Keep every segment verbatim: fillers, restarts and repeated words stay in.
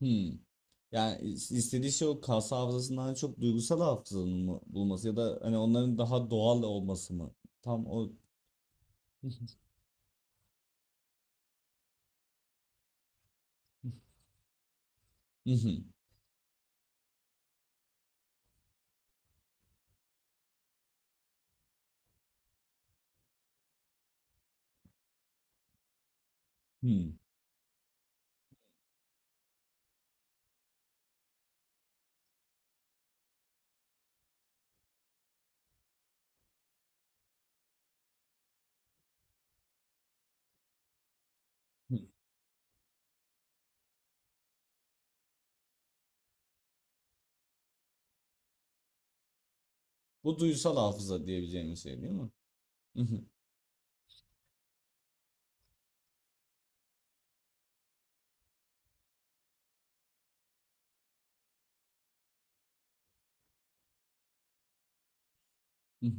Hmm. Yani is- istediği şey o kas hafızasından çok duygusal hafızanın mı bulması ya da hani onların daha doğal olması mı? Tam o Hmm. Bu duygusal hafıza diyebileceğimiz şey değil mi? Hı hı, hı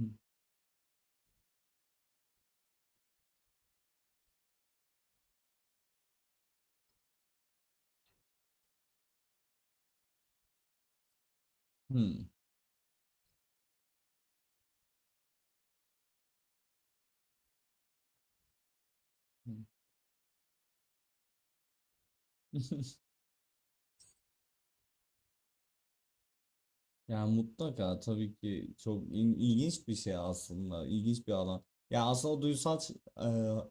hı, hı hı. Yani mutlaka tabii ki çok il- ilginç bir şey aslında. İlginç bir alan. Ya aslında o duysal ç-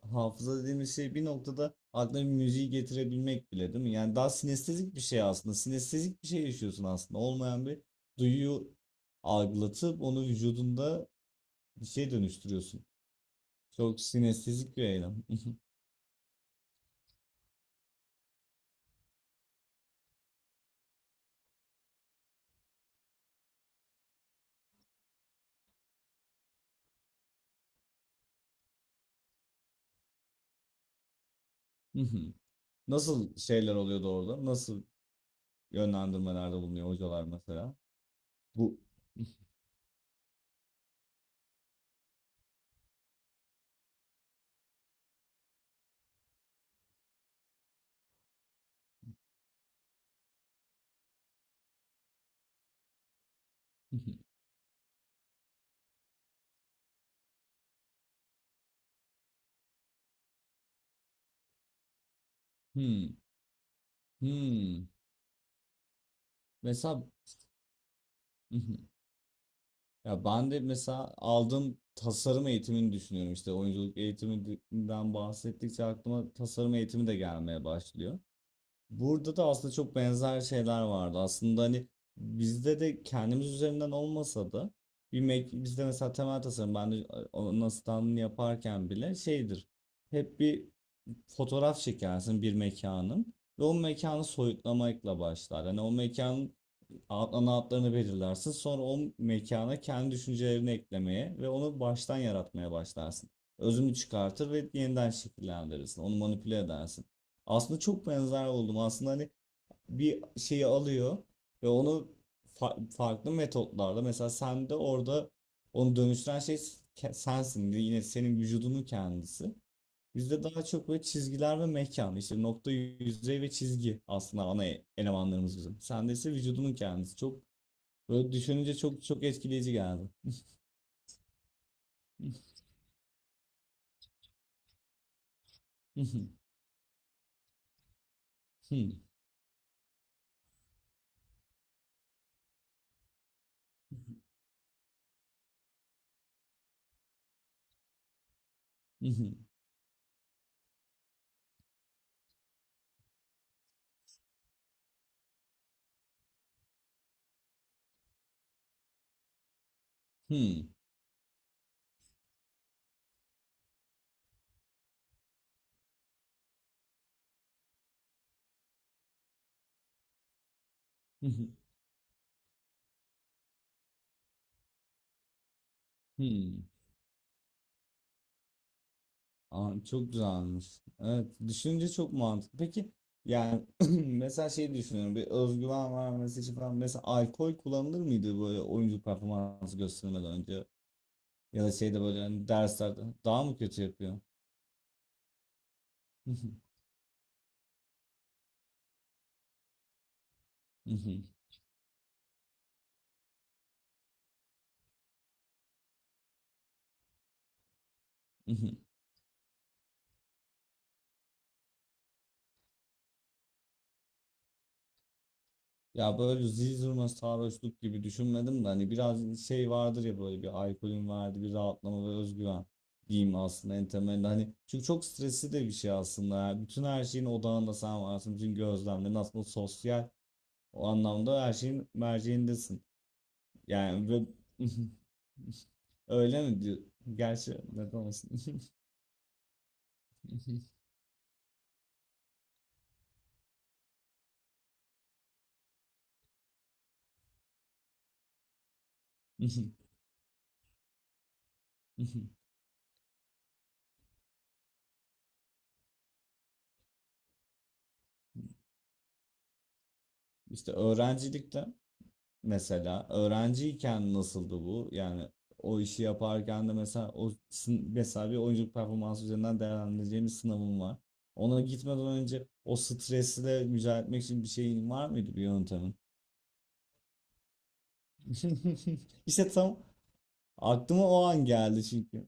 e, hafıza dediğimiz şey bir noktada aklına bir müziği getirebilmek bile değil mi? Yani daha sinestezik bir şey aslında. Sinestezik bir şey yaşıyorsun aslında. Olmayan bir duyuyu algılatıp onu vücudunda bir şey dönüştürüyorsun. Çok sinestezik bir eylem. Nasıl şeyler oluyordu orada? Nasıl yönlendirmelerde bulunuyor hocalar mesela? Bu Hmm. Hmm. Mesela. Hı hı. Ya ben de mesela aldığım tasarım eğitimini düşünüyorum, işte oyunculuk eğitiminden bahsettikçe aklıma tasarım eğitimi de gelmeye başlıyor. Burada da aslında çok benzer şeyler vardı. Aslında hani bizde de kendimiz üzerinden olmasa da bir mek- bizde mesela temel tasarım, ben de onun asistanlığını yaparken bile şeydir. Hep bir fotoğraf çekersin bir mekanın, ve o mekanı soyutlamakla başlar. Hani o mekan outline outlarını belirlersin. Sonra o mekana kendi düşüncelerini eklemeye ve onu baştan yaratmaya başlarsın. Özünü çıkartır ve yeniden şekillendirirsin. Onu manipüle edersin. Aslında çok benzer oldum. Aslında hani bir şeyi alıyor ve onu fa- farklı metotlarla, mesela sen de orada onu dönüştüren şey ke- sensin. Yine senin vücudunun kendisi. Bizde daha çok böyle çizgiler ve mekan, işte nokta, yüzey ve çizgi aslında ana e-, elemanlarımız bizim. Sende ise vücudunun kendisi. Çok. Böyle düşününce çok çok etkileyici geldi. Aa, çok güzelmiş. Evet, düşününce çok mantıklı. Peki, yani mesela şey düşünüyorum, bir özgüven vermesi için falan mesela alkol kullanılır mıydı böyle oyuncu performansı göstermeden önce, ya da şeyde böyle hani derslerde daha mı kötü yapıyor? Ya böyle zil zurna sarhoşluk gibi düşünmedim de hani biraz şey vardır ya, böyle bir alkolün verdiği bir rahatlama ve özgüven diyeyim aslında, en temelinde hani, çünkü çok stresli de bir şey aslında ya. Bütün her şeyin odağında sen varsın, bütün gözlemlerin aslında sosyal o anlamda her şeyin merceğindesin yani. Ve öyle mi diyor, gerçi neden olmasın. işte öğrencilikte mesela, öğrenciyken nasıldı bu? Yani o işi yaparken de mesela o sın- mesela bir oyunculuk performansı üzerinden değerlendireceğimiz sınavım var. Ona gitmeden önce o stresle mücadele etmek için bir şeyin var mıydı, bir yöntemin? İşte tam aklıma o an geldi çünkü.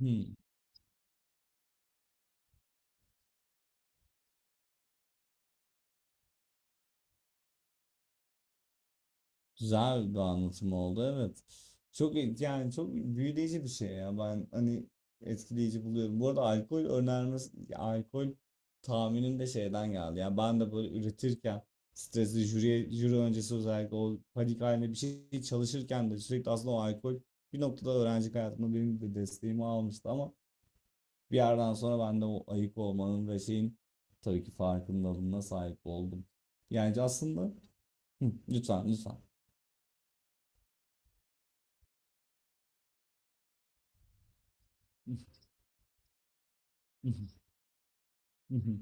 Güzel bir anlatım oldu, evet. Çok e- yani çok büyüleyici bir şey ya. Ben hani etkileyici buluyorum. Bu arada alkol önermesi, alkol tahminim de şeyden geldi. Yani ben de böyle üretirken stresli jüri, jüri öncesi, özellikle o panik halinde bir şey çalışırken de sürekli aslında o alkol bir noktada öğrencilik hayatımda benim de desteğimi almıştı. Ama bir yerden sonra ben de o ayık olmanın ve şeyin tabii ki farkındalığına sahip oldum. Yani aslında. Hı, lütfen lütfen. Hı hı.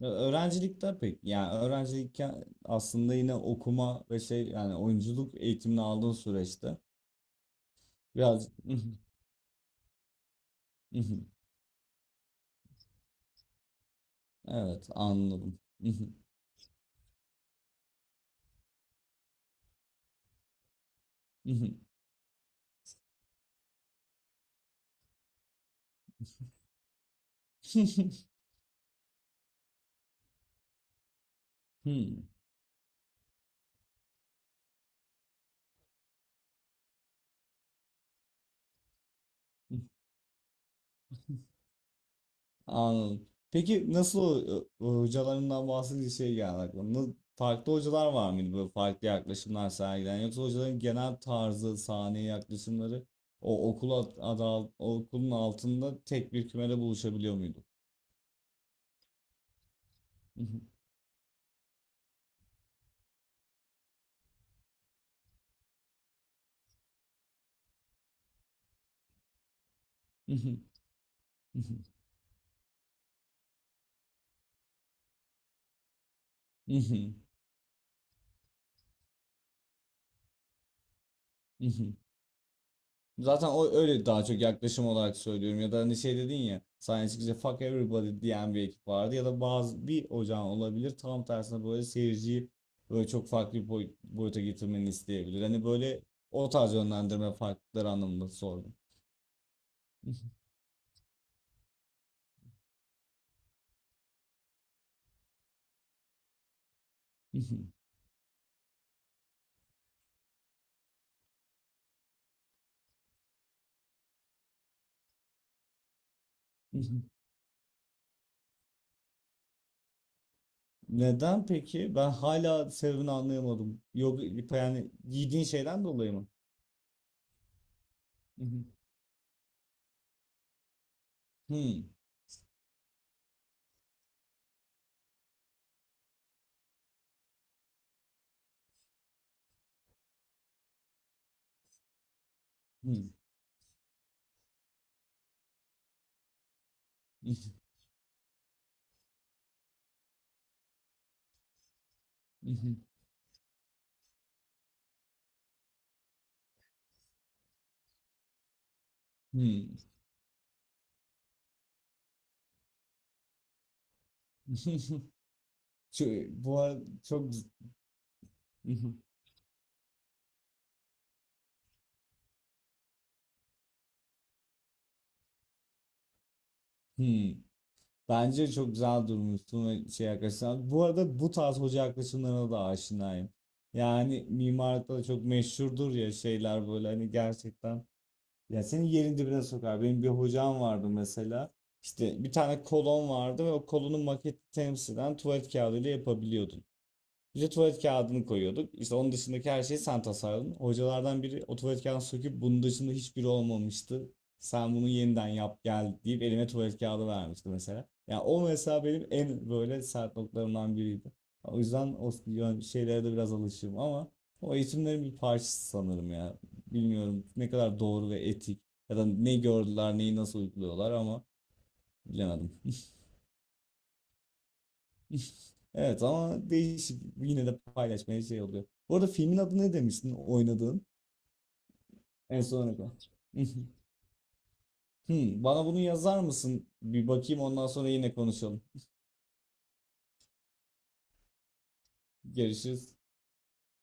Ya öğrencilikte pek, yani öğrencilikken aslında yine okuma ve şey, yani oyunculuk eğitimini aldığın süreçte biraz. Hı hı, hı hı. Evet, anladım. Hı hı, hı hı. Hı. Anladım. Peki nasıl o- o hocalarından bahsedince şey geldi aklıma. Na- Farklı hocalar var mıydı böyle farklı yaklaşımlar sergileyen, yoksa hocaların genel tarzı, sahneye yaklaşımları o okul ad- adı al- okulun altında tek bir kümede buluşabiliyor muydu? Hı hı, hı hı, hı hı, hı hı. Zaten o öyle daha çok yaklaşım olarak söylüyorum, ya da hani şey dedin ya, sahne çıkınca fuck everybody diyen bir ekip vardı, ya da bazı bir ocağın olabilir tam tersine, böyle seyirciyi böyle çok farklı bir boy- boyuta getirmeni isteyebilir. Hani böyle o tarz yönlendirme farklılıkları anlamında sordum. Hı hı, hı hı, hı hı. Neden peki? Ben hala sebebini anlayamadım. Yok, yani giydiğin şeyden dolayı mı? Hı hı. Hı hı, hı. Çö- Bu arada çok Hmm. Bence çok güzel durmuşsun. Ve şey arkadaşlar, bu arada bu tarz hoca yaklaşımlarına da aşinayım. Yani mimarlıkta da çok meşhurdur ya şeyler böyle hani, gerçekten. Ya seni yerin dibine sokar. Benim bir hocam vardı mesela. İşte bir tane kolon vardı ve o kolonun maketi temsilen tuvalet kağıdıyla yapabiliyordu. Bir de tuvalet kağıdını koyuyorduk. İşte onun dışındaki her şeyi sen tasarladın. Hocalardan biri o tuvalet kağıdını söküp, bunun dışında hiçbiri olmamıştı. Sen bunu yeniden yap gel deyip elime tuvalet kağıdı vermişti mesela. Yani o mesela benim en böyle sert noktalarımdan biriydi. O yüzden o yön- şeylere de biraz alışığım ama o eğitimlerin bir parçası sanırım ya. Bilmiyorum ne kadar doğru ve etik, ya da ne gördüler, neyi nasıl uyguluyorlar, ama bilemedim. Evet, ama değişik. Yine de paylaşmaya şey oluyor. Bu arada filmin adı ne demiştin oynadığın? En son ne kadar? Hmm, bana bunu yazar mısın? Bir bakayım, ondan sonra yine konuşalım. Görüşürüz.